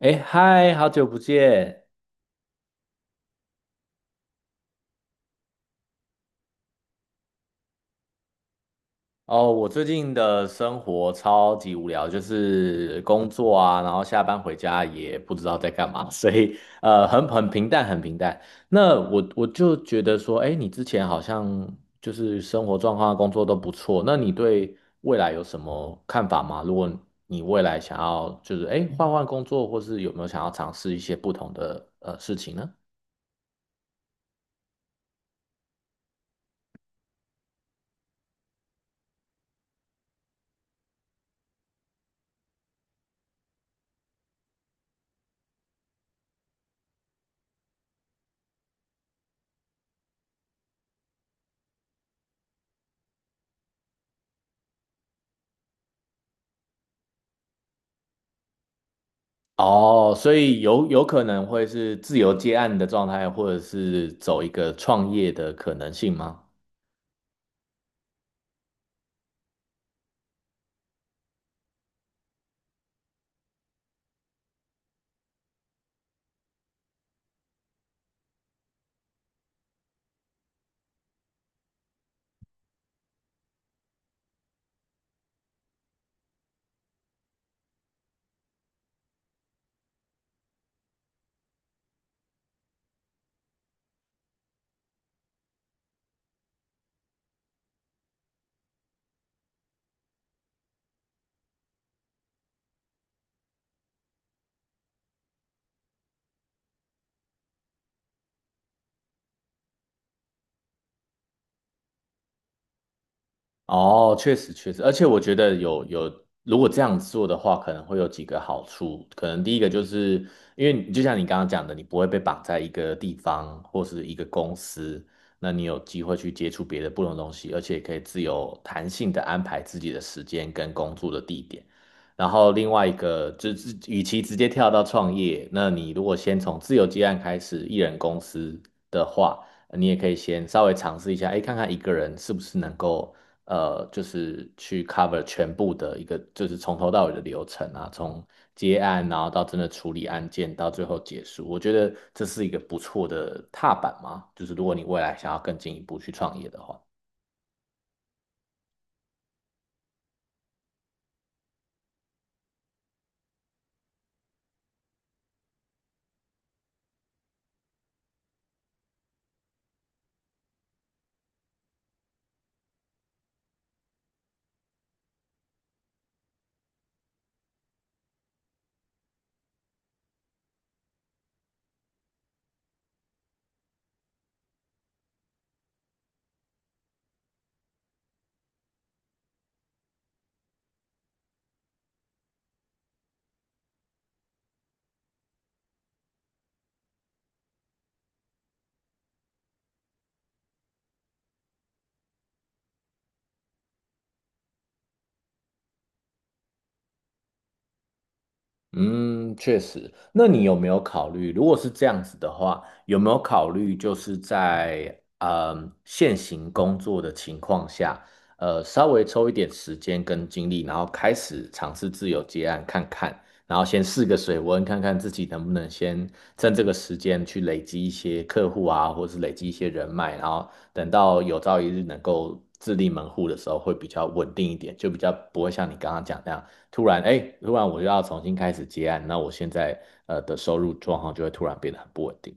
哎，嗨，好久不见！哦，我最近的生活超级无聊，就是工作啊，然后下班回家也不知道在干嘛，所以很平淡，很平淡。那我就觉得说，哎，你之前好像就是生活状况啊、工作都不错，那你对未来有什么看法吗？如果你未来想要就是哎换换工作，或是有没有想要尝试一些不同的事情呢？哦，所以有可能会是自由接案的状态，或者是走一个创业的可能性吗？哦，确实确实，而且我觉得如果这样做的话，可能会有几个好处。可能第一个就是，因为你就像你刚刚讲的，你不会被绑在一个地方或是一个公司，那你有机会去接触别的不同的东西，而且可以自由弹性的安排自己的时间跟工作的地点。然后另外一个就是，与其直接跳到创业，那你如果先从自由接案开始，一人公司的话。你也可以先稍微尝试一下，哎，看看一个人是不是能够就是去 cover 全部的一个，就是从头到尾的流程啊，从接案，然后到真的处理案件，到最后结束。我觉得这是一个不错的踏板嘛，就是如果你未来想要更进一步去创业的话。嗯，确实。那你有没有考虑，如果是这样子的话，有没有考虑就是在嗯现行工作的情况下，稍微抽一点时间跟精力，然后开始尝试自由接案看看，然后先试个水温，看看自己能不能先趁这个时间去累积一些客户啊，或是累积一些人脉，然后等到有朝一日能够自立门户的时候，会比较稳定一点，就比较不会像你刚刚讲那样。突然，哎，突然我就要重新开始接案，那我现在的收入状况就会突然变得很不稳定。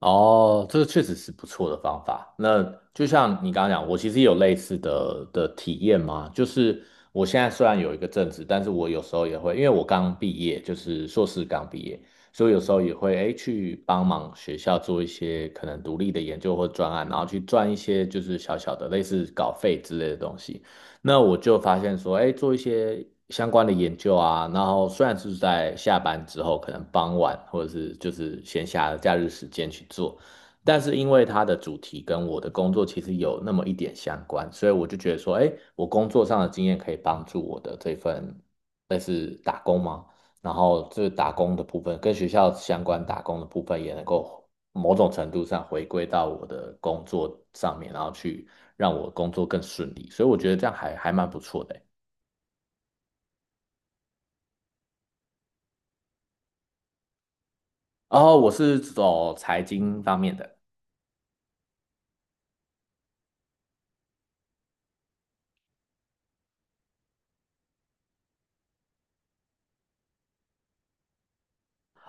哦，这个确实是不错的方法。那就像你刚刚讲，我其实也有类似的体验嘛，就是我现在虽然有一个正职，但是我有时候也会，因为我刚毕业，就是硕士刚毕业，所以有时候也会哎去帮忙学校做一些可能独立的研究或专案，然后去赚一些就是小小的类似稿费之类的东西。那我就发现说，哎，做一些相关的研究啊，然后虽然是在下班之后，可能傍晚或者是就是闲暇的假日时间去做，但是因为它的主题跟我的工作其实有那么一点相关，所以我就觉得说，哎，我工作上的经验可以帮助我的这份类似打工吗？然后这打工的部分跟学校相关打工的部分也能够某种程度上回归到我的工作上面，然后去让我工作更顺利，所以我觉得这样还蛮不错的。然后我是走财经方面的。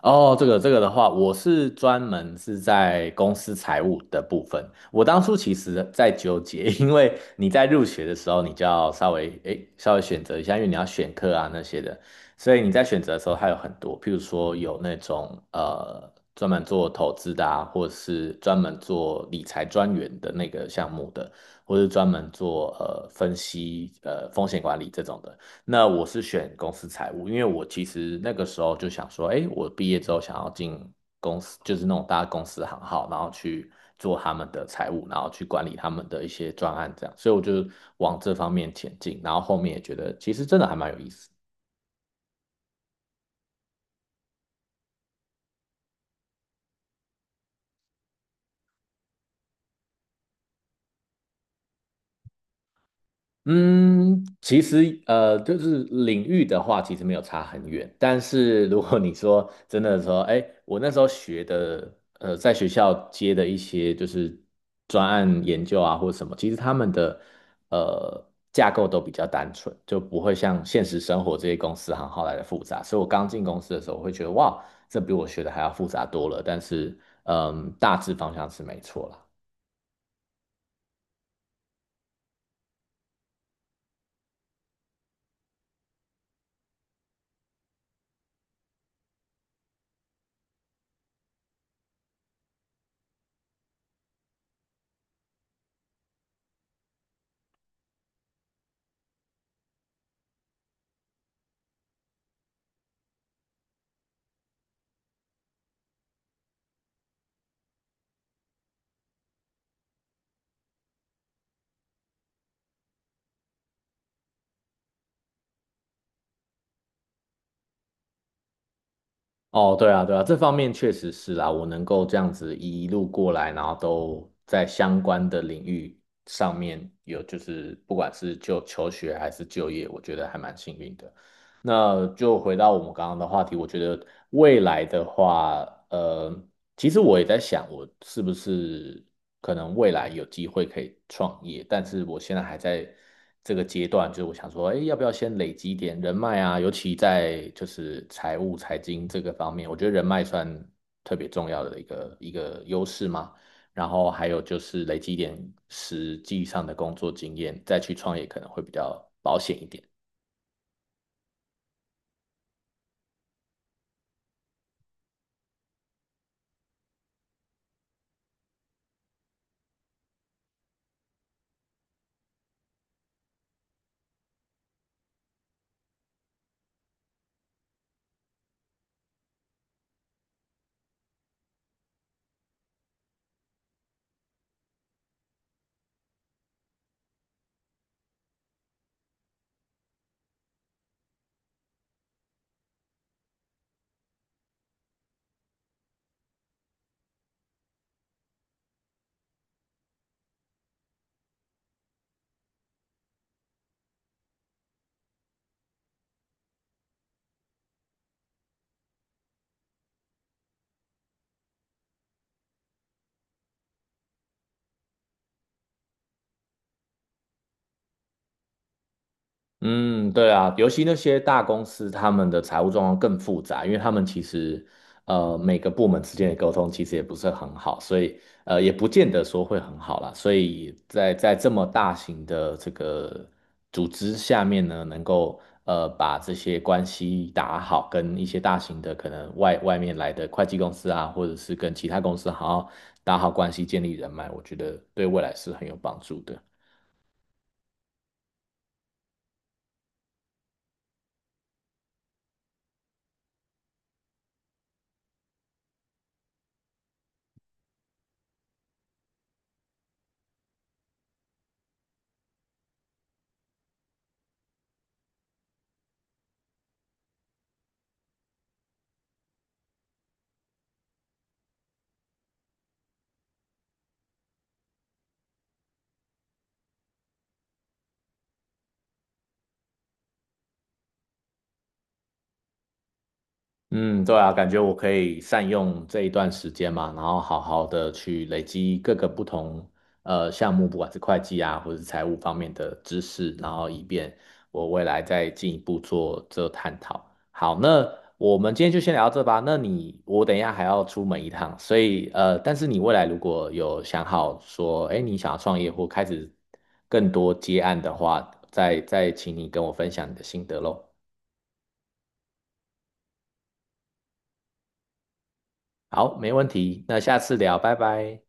哦，这个这个的话，我是专门是在公司财务的部分。我当初其实在纠结，因为你在入学的时候，你就要稍微稍微选择一下，因为你要选课啊那些的，所以你在选择的时候，还有很多，譬如说有那种专门做投资的啊，或者是专门做理财专员的那个项目的，或是专门做分析风险管理这种的。那我是选公司财务，因为我其实那个时候就想说，哎，我毕业之后想要进公司，就是那种大公司行号，然后去做他们的财务，然后去管理他们的一些专案这样，所以我就往这方面前进，然后后面也觉得其实真的还蛮有意思。嗯，其实就是领域的话，其实没有差很远。但是如果你说真的说，哎，我那时候学的，在学校接的一些就是专案研究啊，或者什么，其实他们的呃架构都比较单纯，就不会像现实生活这些公司行号来的复杂。所以我刚进公司的时候，我会觉得哇，这比我学的还要复杂多了。但是，嗯，大致方向是没错啦。哦，对啊，对啊，这方面确实是啦，我能够这样子一路过来，然后都在相关的领域上面有，就是不管是就求学还是就业，我觉得还蛮幸运的。那就回到我们刚刚的话题，我觉得未来的话，其实我也在想，我是不是可能未来有机会可以创业，但是我现在还在这个阶段，就是我想说，哎，要不要先累积一点人脉啊？尤其在就是财务、财经这个方面，我觉得人脉算特别重要的一个优势嘛。然后还有就是累积一点实际上的工作经验，再去创业可能会比较保险一点。嗯，对啊，尤其那些大公司，他们的财务状况更复杂，因为他们其实每个部门之间的沟通其实也不是很好，所以也不见得说会很好啦。所以在这么大型的这个组织下面呢，能够把这些关系打好，跟一些大型的可能外面来的会计公司啊，或者是跟其他公司好好打好关系，建立人脉，我觉得对未来是很有帮助的。嗯，对啊，感觉我可以善用这一段时间嘛，然后好好的去累积各个不同项目，不管是会计啊，或者是财务方面的知识，然后以便我未来再进一步做这探讨。好，那我们今天就先聊到这吧。那你我等一下还要出门一趟，所以呃，但是你未来如果有想好说，哎，你想要创业或开始更多接案的话，再请你跟我分享你的心得喽。好，没问题，那下次聊，拜拜。